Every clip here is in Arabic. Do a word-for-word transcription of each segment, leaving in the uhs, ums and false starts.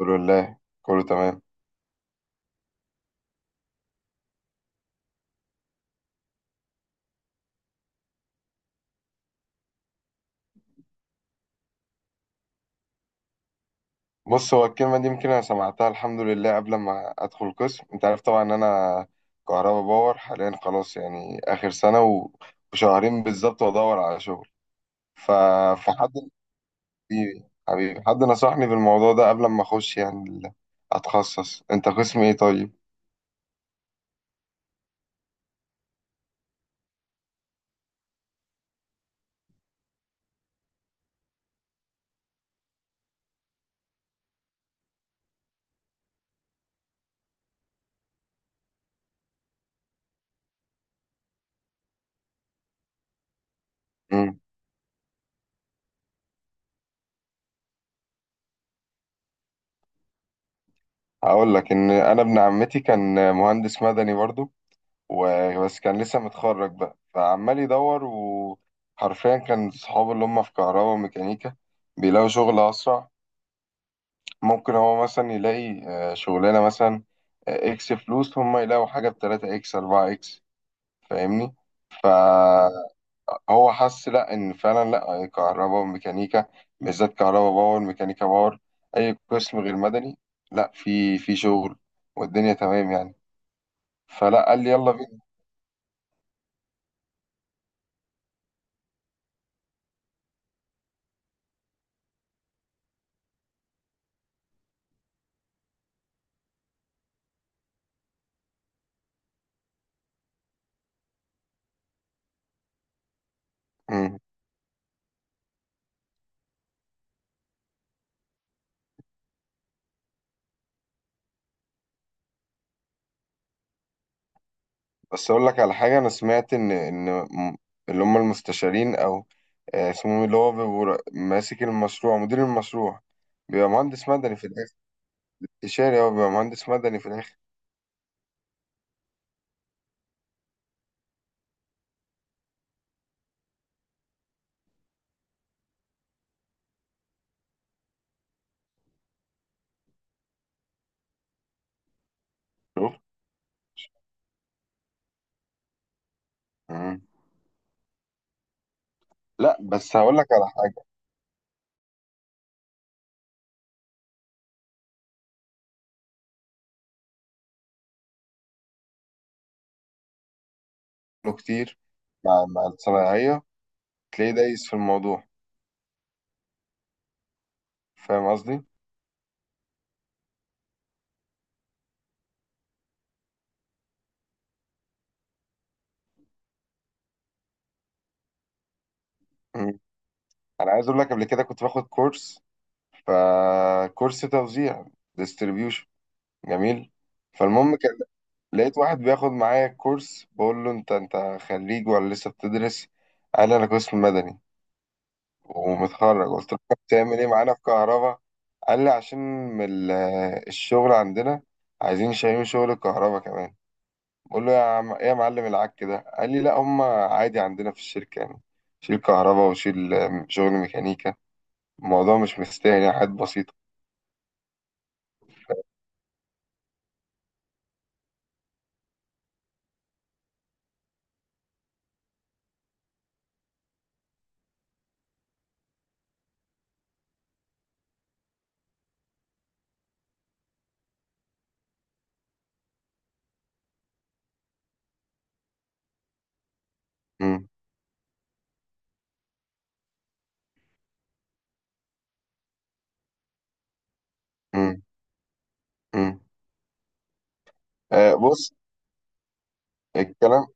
الحمد لله، كله تمام. بص، هو الكلمة دي يمكن أنا سمعتها الحمد لله قبل ما أدخل القسم. أنت عارف طبعا إن أنا كهربا باور، حاليا خلاص يعني آخر سنة و- وشهرين بالظبط، وأدور على شغل. ف... فحد حبيبي حبيبي، حد نصحني بالموضوع ده قبل ما أخش يعني ال- أتخصص. أنت قسم إيه طيب؟ مم. هقول لك إن أنا ابن عمتي كان مهندس مدني برضو، وبس كان لسه متخرج بقى، فعمال يدور. وحرفيا كان صحابه اللي هم في كهرباء وميكانيكا بيلاقوا شغل أسرع. ممكن هو مثلا يلاقي آه، شغلانة، مثلا آه، إكس فلوس، هم يلاقوا حاجة بتلاتة إكس أربعة إكس. فاهمني؟ فهو حس، لأ إن فعلا لأ، كهرباء وميكانيكا بالذات، كهرباء باور، ميكانيكا باور، أي قسم غير مدني لأ، في في شغل والدنيا تمام يعني. فلأ، قال لي يلا بينا. بس اقول لك على حاجه، انا سمعت ان ان م- اللي هم المستشارين، او آه، اسمهم إيه، اللي هو بيبقوا ر- ماسك المشروع، مدير المشروع، بيبقى مهندس مدني في الاخر. استشاري، هو بيبقى مهندس مدني في الاخر. شوف. مم. لا بس هقول لك على حاجه، له كتير مع مع الصنايعيه، تلاقيه دايس في الموضوع. فاهم قصدي؟ مم. انا عايز اقول لك، قبل كده كنت باخد كورس، فكورس توزيع، ديستريبيوشن، جميل. فالمهم كان لقيت واحد بياخد معايا الكورس، بقول له انت انت خريج ولا لسه بتدرس؟ قال لي انا قسم مدني ومتخرج. قلت له طب بتعمل ايه معانا في كهرباء؟ قال لي عشان من ال- الشغل عندنا عايزين شايلين شغل الكهرباء كمان. بقول له يا عم ايه يا معلم العك ده؟ قال لي لا، هم عادي عندنا في الشركة يعني، شيل كهرباء وشيل آم، شغل ميكانيكا، الموضوع مش مستاهل يعني، حاجات بسيطة. مم. مم. مم. آه بص، الكلام،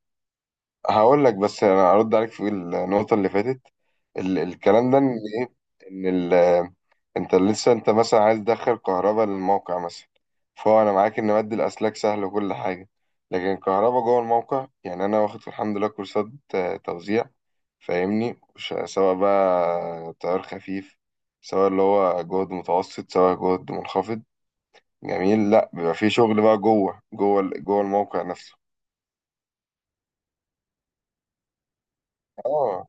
هقول لك بس انا ارد عليك في النقطه اللي فاتت. ال الكلام ده ان ايه، ان ال انت لسه انت مثلا عايز تدخل كهرباء للموقع مثلا، فهو انا معاك ان مد الاسلاك سهل وكل حاجه، لكن كهرباء جوه الموقع، يعني انا واخد الحمد لله كورسات آه، توزيع، فاهمني؟ ش- سواء بقى تيار خفيف، سواء اللي هو جهد متوسط، سواء جهد منخفض. جميل. لا بيبقى في شغل بقى جوه جوه ال- جوه الموقع نفسه. اه.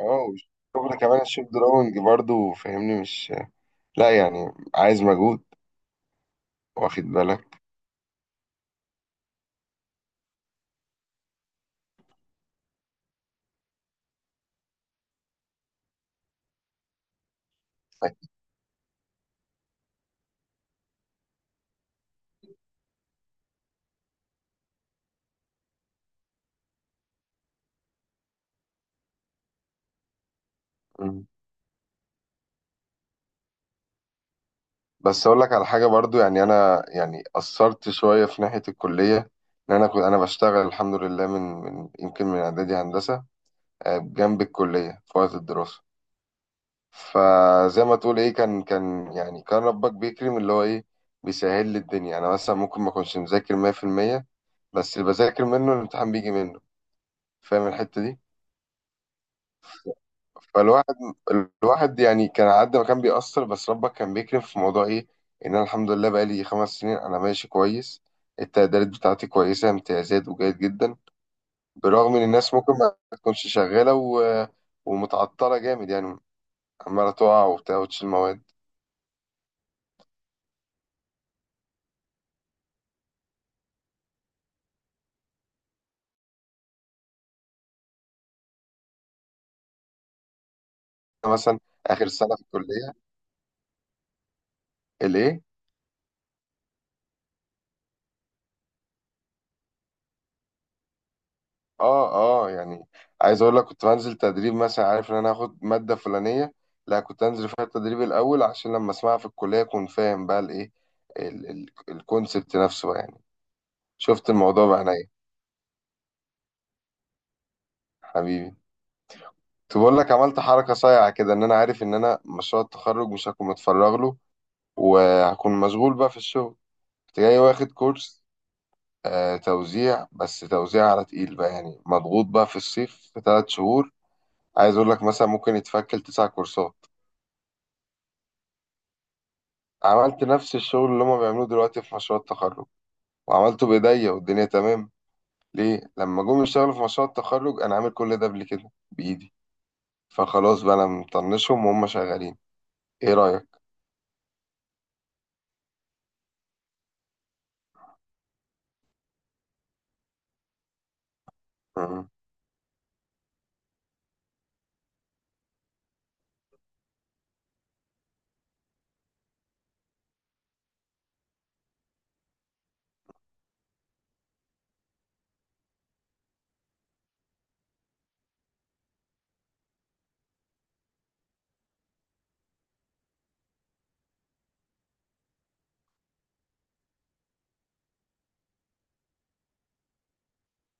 اه، والشغل كمان الشيب دراونج برضو، فاهمني؟ مش، لا يعني عايز مجهود. واخد بالك؟ مم. بس اقول لك على حاجه برضو، يعني انا يعني قصرت شويه في ناحيه الكليه. ان انا كنت انا بشتغل الحمد لله من من يمكن من اعدادي هندسه، آه، جنب الكليه في وقت الدراسه. فزي ما تقول ايه، كان كان يعني كان ربك بيكرم، اللي هو ايه، بيسهل لي الدنيا. انا مثلا ممكن ما اكونش مذاكر مية في المية، بس اللي بذاكر منه الامتحان بيجي منه. فاهم الحته دي؟ فالواحد الواحد يعني كان على قد ما كان بيأثر، بس ربك كان بيكرم في موضوع ايه، ان انا الحمد لله بقالي خمس سنين انا ماشي كويس، التقديرات بتاعتي كويسة، امتيازات وجيد جدا. برغم ان الناس ممكن ما تكونش شغالة و... ومتعطلة جامد يعني، عمالة تقع وبتاع وتشيل مواد. أنا مثلا آخر سنة في الكلية، الايه. اه. اه يعني، عايز اقول لك كنت بنزل تدريب مثلا، عارف ان انا هاخد ماده فلانيه، لا كنت انزل فيها التدريب الاول عشان لما اسمعها في الكليه اكون فاهم بقى الايه، ال- ال- الكونسبت نفسه بقى يعني. شفت الموضوع بعينيا. حبيبي. كنت بقول لك عملت حركه صايعه كده، ان انا عارف ان انا مشروع التخرج مش هكون متفرغ له، وهكون مشغول بقى في الشغل. كنت جاي واخد كورس آه توزيع، بس توزيع على تقيل بقى يعني، مضغوط بقى في الصيف في ثلاث شهور. عايز اقول لك مثلا ممكن يتفكل تسع كورسات. عملت نفس الشغل اللي هما بيعملوه دلوقتي في مشروع التخرج، وعملته بايديا والدنيا تمام. ليه لما جم يشتغلوا في مشروع التخرج انا عامل كل ده قبل كده بايدي، فخلاص بقى انا مطنشهم وهم شغالين. ايه رايك؟ مم.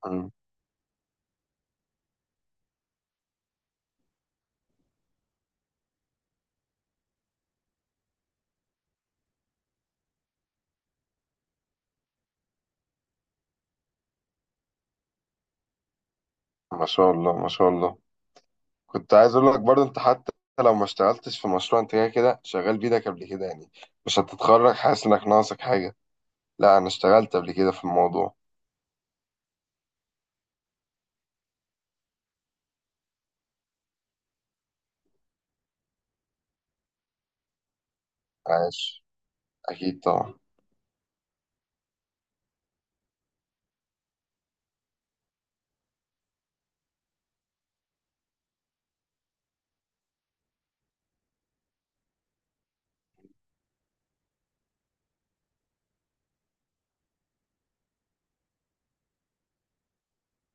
مم. ما شاء الله، ما شاء الله. كنت عايز اقول لك برضه، انت حتى لو ما اشتغلتش في مشروع، انت كده كده شغال بايدك قبل كده يعني، مش هتتخرج حاسس انك ناقصك حاجه. لا، انا اشتغلت قبل كده في الموضوع. عاش. اكيد طبعا.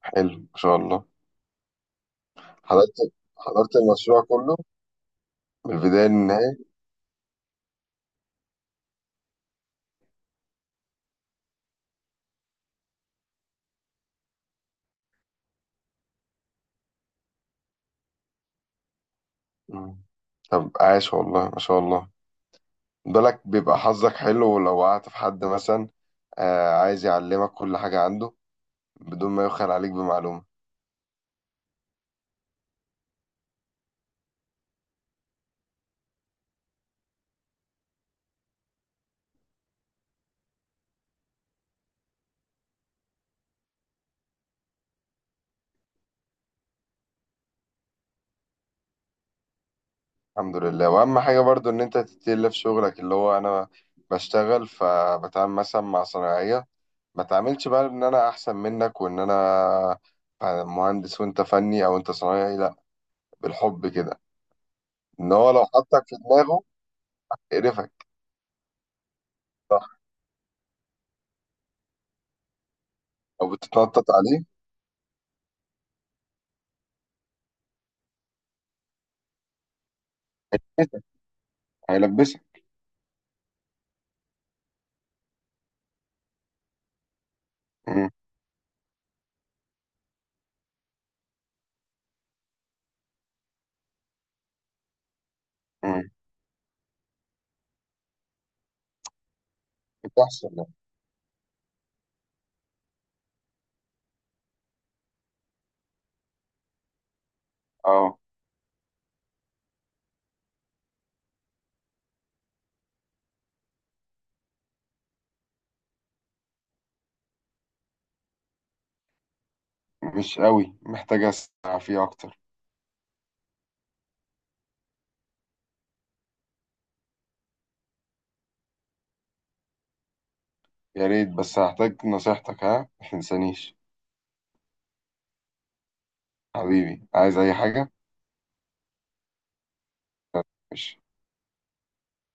حلو ما شاء الله. حضرتك حضرت المشروع كله من البداية للنهاية. مم. طب عاش والله ما شاء الله. بالك بيبقى حظك حلو لو وقعت في حد مثلا آه، عايز يعلمك كل حاجة عنده بدون ما يبخل عليك بمعلومة. الحمد لله. وأهم حاجة برضو إن أنت تتقل في شغلك. اللي هو أنا بشتغل فبتعامل مثلا مع صناعية، ما تعاملش بقى إن أنا أحسن منك وإن أنا مهندس وأنت فني أو أنت صنايعي لأ، بالحب كده. إن هو لو حطك في دماغه قرفك. أو بتتنطط عليه، هيلبسك. مم. مم. بتحصل يعني. اه. مش قوي، محتاج أسمع فيه أكتر. يا ريت، بس هحتاج نصيحتك، ها متنسانيش. حبيبي، عايز أي حاجة. مش